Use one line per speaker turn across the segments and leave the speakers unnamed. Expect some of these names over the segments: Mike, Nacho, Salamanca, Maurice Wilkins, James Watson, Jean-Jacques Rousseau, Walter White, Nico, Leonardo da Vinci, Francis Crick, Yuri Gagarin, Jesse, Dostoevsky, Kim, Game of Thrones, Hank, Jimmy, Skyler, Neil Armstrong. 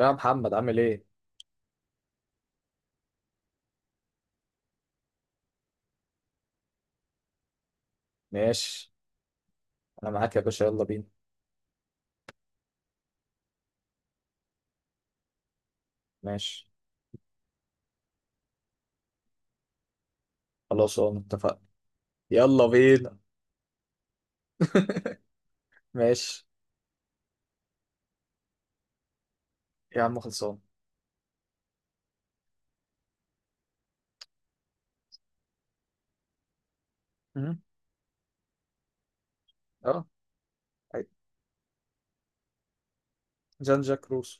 يا محمد عامل ايه؟ ماشي. انا معاك يا باشا، يلا بينا. ماشي، خلاص اه اتفقنا. يلا بينا. ماشي، يا عم خلصان. مم. اه عادي. جان جاك روسو.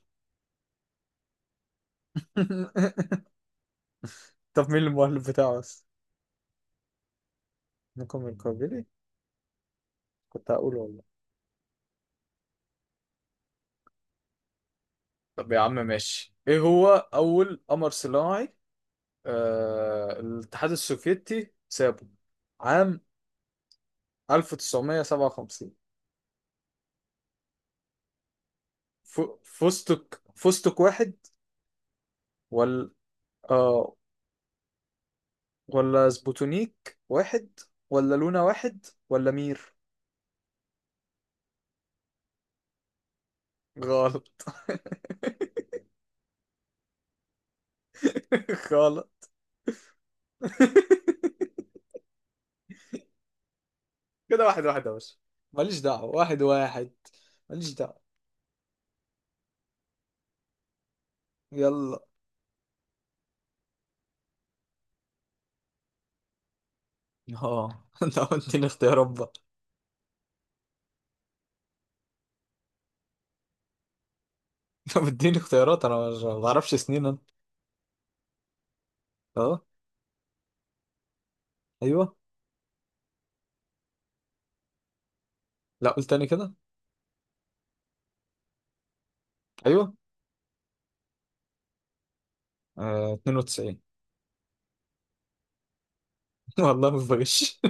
طب مين المؤلف بتاعه بس؟ نيكو من كوفيلي. كنت هقوله والله. طب يا عم ماشي، ايه هو اول قمر صناعي؟ آه الاتحاد السوفيتي سابه عام 1957. فستق، فستق واحد، ولا آه، ولا سبوتونيك واحد، ولا لونا واحد، ولا مير؟ غلط. غلط. كده واحد واحد يا باشا. ماليش دعوة، واحد واحد. ماليش دعوة. يلا. اه. انت اديني اختيارات بقى. انت بتديني اختيارات، انا ما بعرفش سنين انا. اه. ايوه. لا قول تاني كده. ايوه. آه 92. والله ما بغش.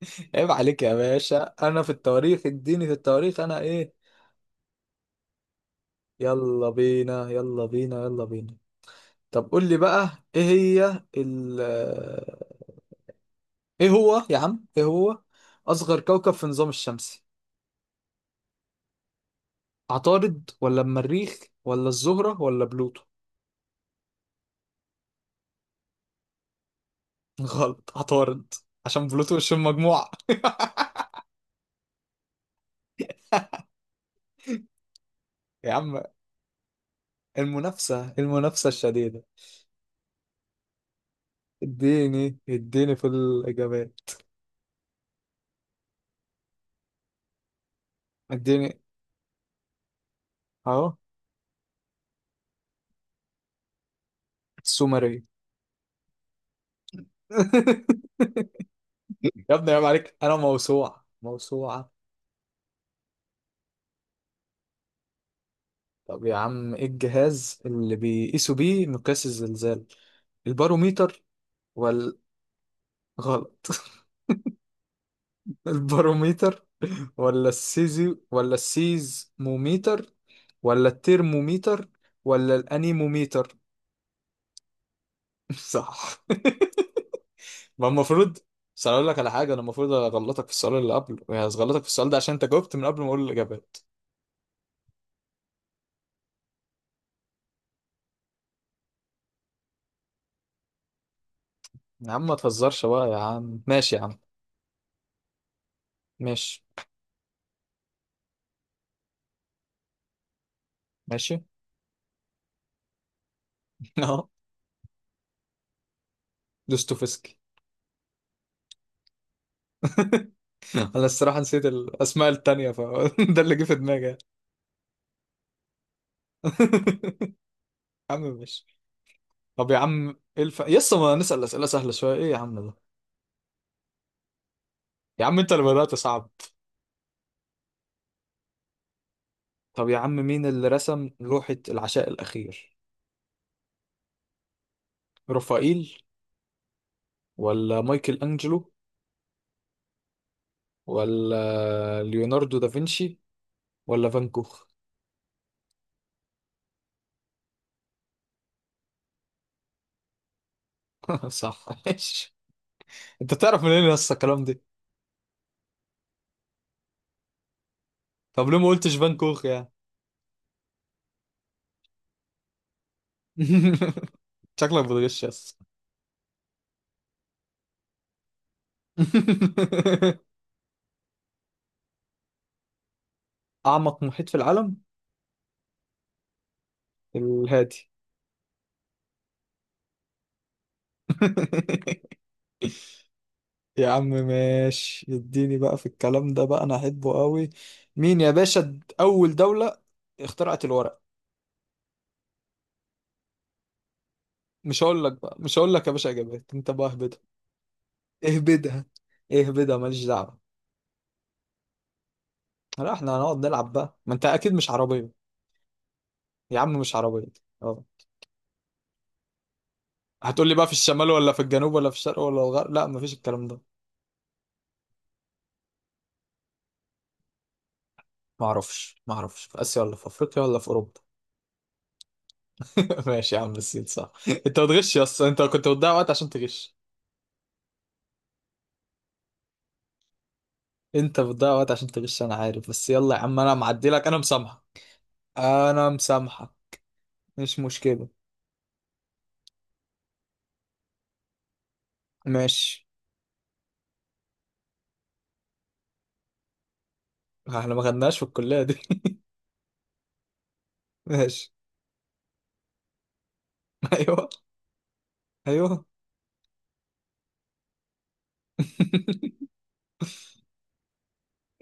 عيب عليك يا باشا، انا في التواريخ اديني، في التواريخ انا ايه؟ يلا بينا، يلا بينا، يلا بينا. طب قول لي بقى ايه هي ال، ايه هو يا عم، ايه هو اصغر كوكب في النظام الشمسي؟ عطارد ولا المريخ، ولا الزهرة ولا بلوتو؟ غلط، عطارد. عشان بلوتو مش في المجموعة. يا عم المنافسة، المنافسة الشديدة. اديني، اديني في الإجابات. اديني. اهو السومرية. يا ابني عيب عليك، انا موسوعة، موسوعة. طب يا عم ايه الجهاز اللي بيقيسوا بيه مقياس الزلزال؟ الباروميتر، ولا غلط. الباروميتر، ولا السيزي، ولا السيزموميتر، ولا الترموميتر، ولا الانيموميتر؟ صح. ما المفروض. بس أنا اقول لك على حاجه، انا المفروض اغلطك في السؤال اللي قبله، يعني اغلطك في السؤال ده عشان انت جاوبت من قبل ما اقول الاجابات. يا عم ما تهزرش بقى يا عم، ماشي يا عم. ماشي. ماشي. اه. دوستويفسكي. انا الصراحه نسيت الاسماء التانية فده اللي جه في دماغي. يا عم ماشي. طب يا عم ايه الف... يسا ما نسأل أسئلة سهلة شوية، ايه يا عم ده؟ يا عم انت اللي بدأت صعب. طب يا عم مين اللي رسم لوحة العشاء الأخير؟ رافائيل، ولا مايكل أنجلو، ولا ليوناردو دافنشي، ولا فان كوخ؟ صح ماشي. انت تعرف منين يسا الكلام ده؟ طب ليه ما قلتش فان كوخ يعني؟ شكلك بتغش يسا. أعمق محيط في العالم؟ الهادي. يا عم ماشي، اديني بقى في الكلام ده بقى، انا احبه قوي. مين يا باشا اول دولة اخترعت الورق؟ مش هقول لك بقى، مش هقول لك يا باشا اجابات، انت بقى اهبدها. اهبدها. اهبدها، ماليش دعوة. لا احنا هنقعد نلعب بقى، ما انت اكيد مش عربية. يا عم مش عربية. اه. هتقول لي بقى في الشمال ولا في الجنوب ولا في الشرق ولا الغرب؟ لا مفيش الكلام ده. ما اعرفش، ما اعرفش، في اسيا ولا في افريقيا ولا في اوروبا؟ ماشي يا عم الصين صح. انت بتغش يا اسطى، انت كنت بتضيع وقت عشان تغش. انت بتضيع وقت عشان تغش انا عارف، بس يلا يا عم، انا معدي لك، انا مسامحة. انا مسامحة، مش مشكلة. ماشي. احنا ما خدناش في الكلية دي. ماشي. ايوه. ايوه.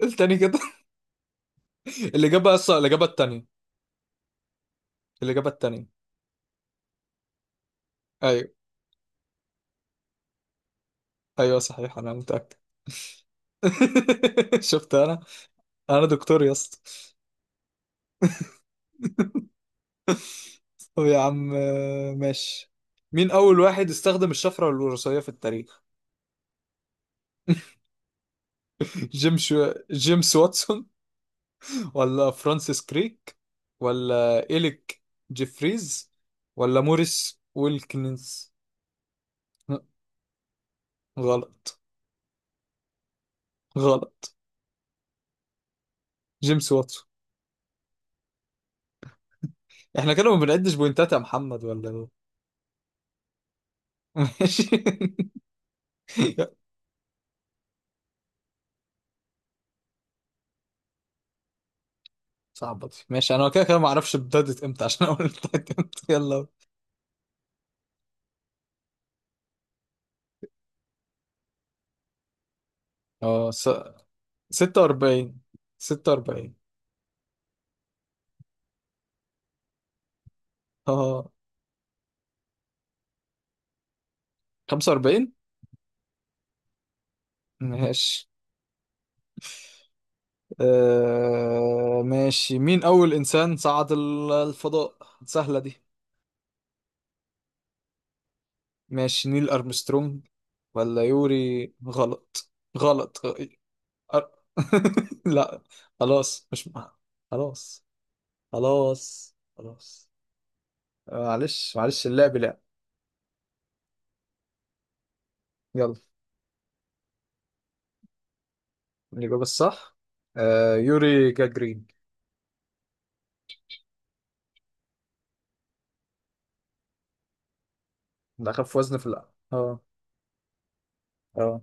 التاني كده، الإجابة أصلا الإجابة التانية. الإجابة التانية. أيوه. أيوه صحيح أنا متأكد. شفت أنا. أنا دكتور يا اسطى. طب يا عم آه، ماشي. مين أول واحد استخدم الشفرة الوراثية في التاريخ؟ جيمس، جيمس واتسون، ولا فرانسيس كريك، ولا إليك جيفريز، ولا موريس ويلكنز؟ لا، غلط. غلط. جيمس واتسون. احنا كده ما بنعدش بوينتات يا محمد ولا ايه؟ ماشي. صعبة دي، ماشي انا كده كده ما اعرفش ابتدت امتى عشان اقول ابتدت امتى، يلا. اه 46. 46. اه 45. ماشي. آه... ماشي، مين اول انسان صعد الفضاء؟ سهلة دي، ماشي. نيل أرمسترونج، ولا يوري غلط. غلط. أر... لا، خلاص مش خلاص، خلاص، خلاص. آه، معلش، معلش، اللعب لعب. يلا. الإجابة الصح آه يوري جاجرين. ده أخف وزن في الأرض؟ اه. اه.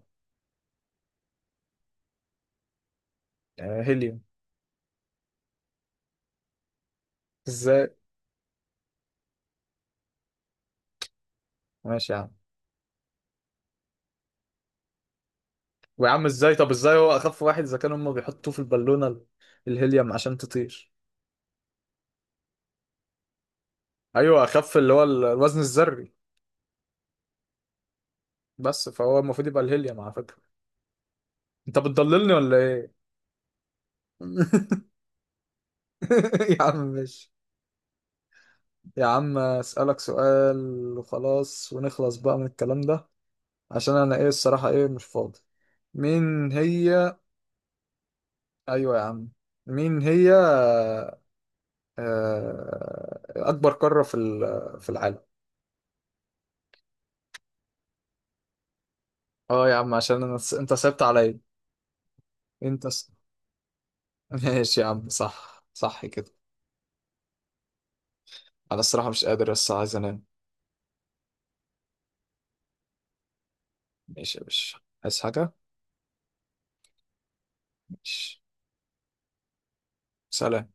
آه، هيليوم. ازاي؟ ماشي يا عم. ويا عم ازاي، طب ازاي هو أخف واحد إذا كانوا هما بيحطوه في البالونة الهيليوم عشان تطير. أيوه أخف اللي هو الوزن الذري. بس فهو المفروض يبقى الهيليوم على فكرة. انت بتضللني ولا ايه؟ يا عم ماشي. يا عم اسالك سؤال وخلاص، ونخلص بقى من الكلام ده، عشان انا ايه الصراحه، ايه مش فاضي. مين هي؟ ايوه يا عم. مين هي آه، اكبر قاره في ال، في العالم؟ اه يا عم عشان انا س... انت سبت عليا. انت س... ماشي يا عم، صح صح كده. انا الصراحه مش قادر، بس عايز انام. ماشي يا باشا، عايز حاجه؟ ماشي. سلام.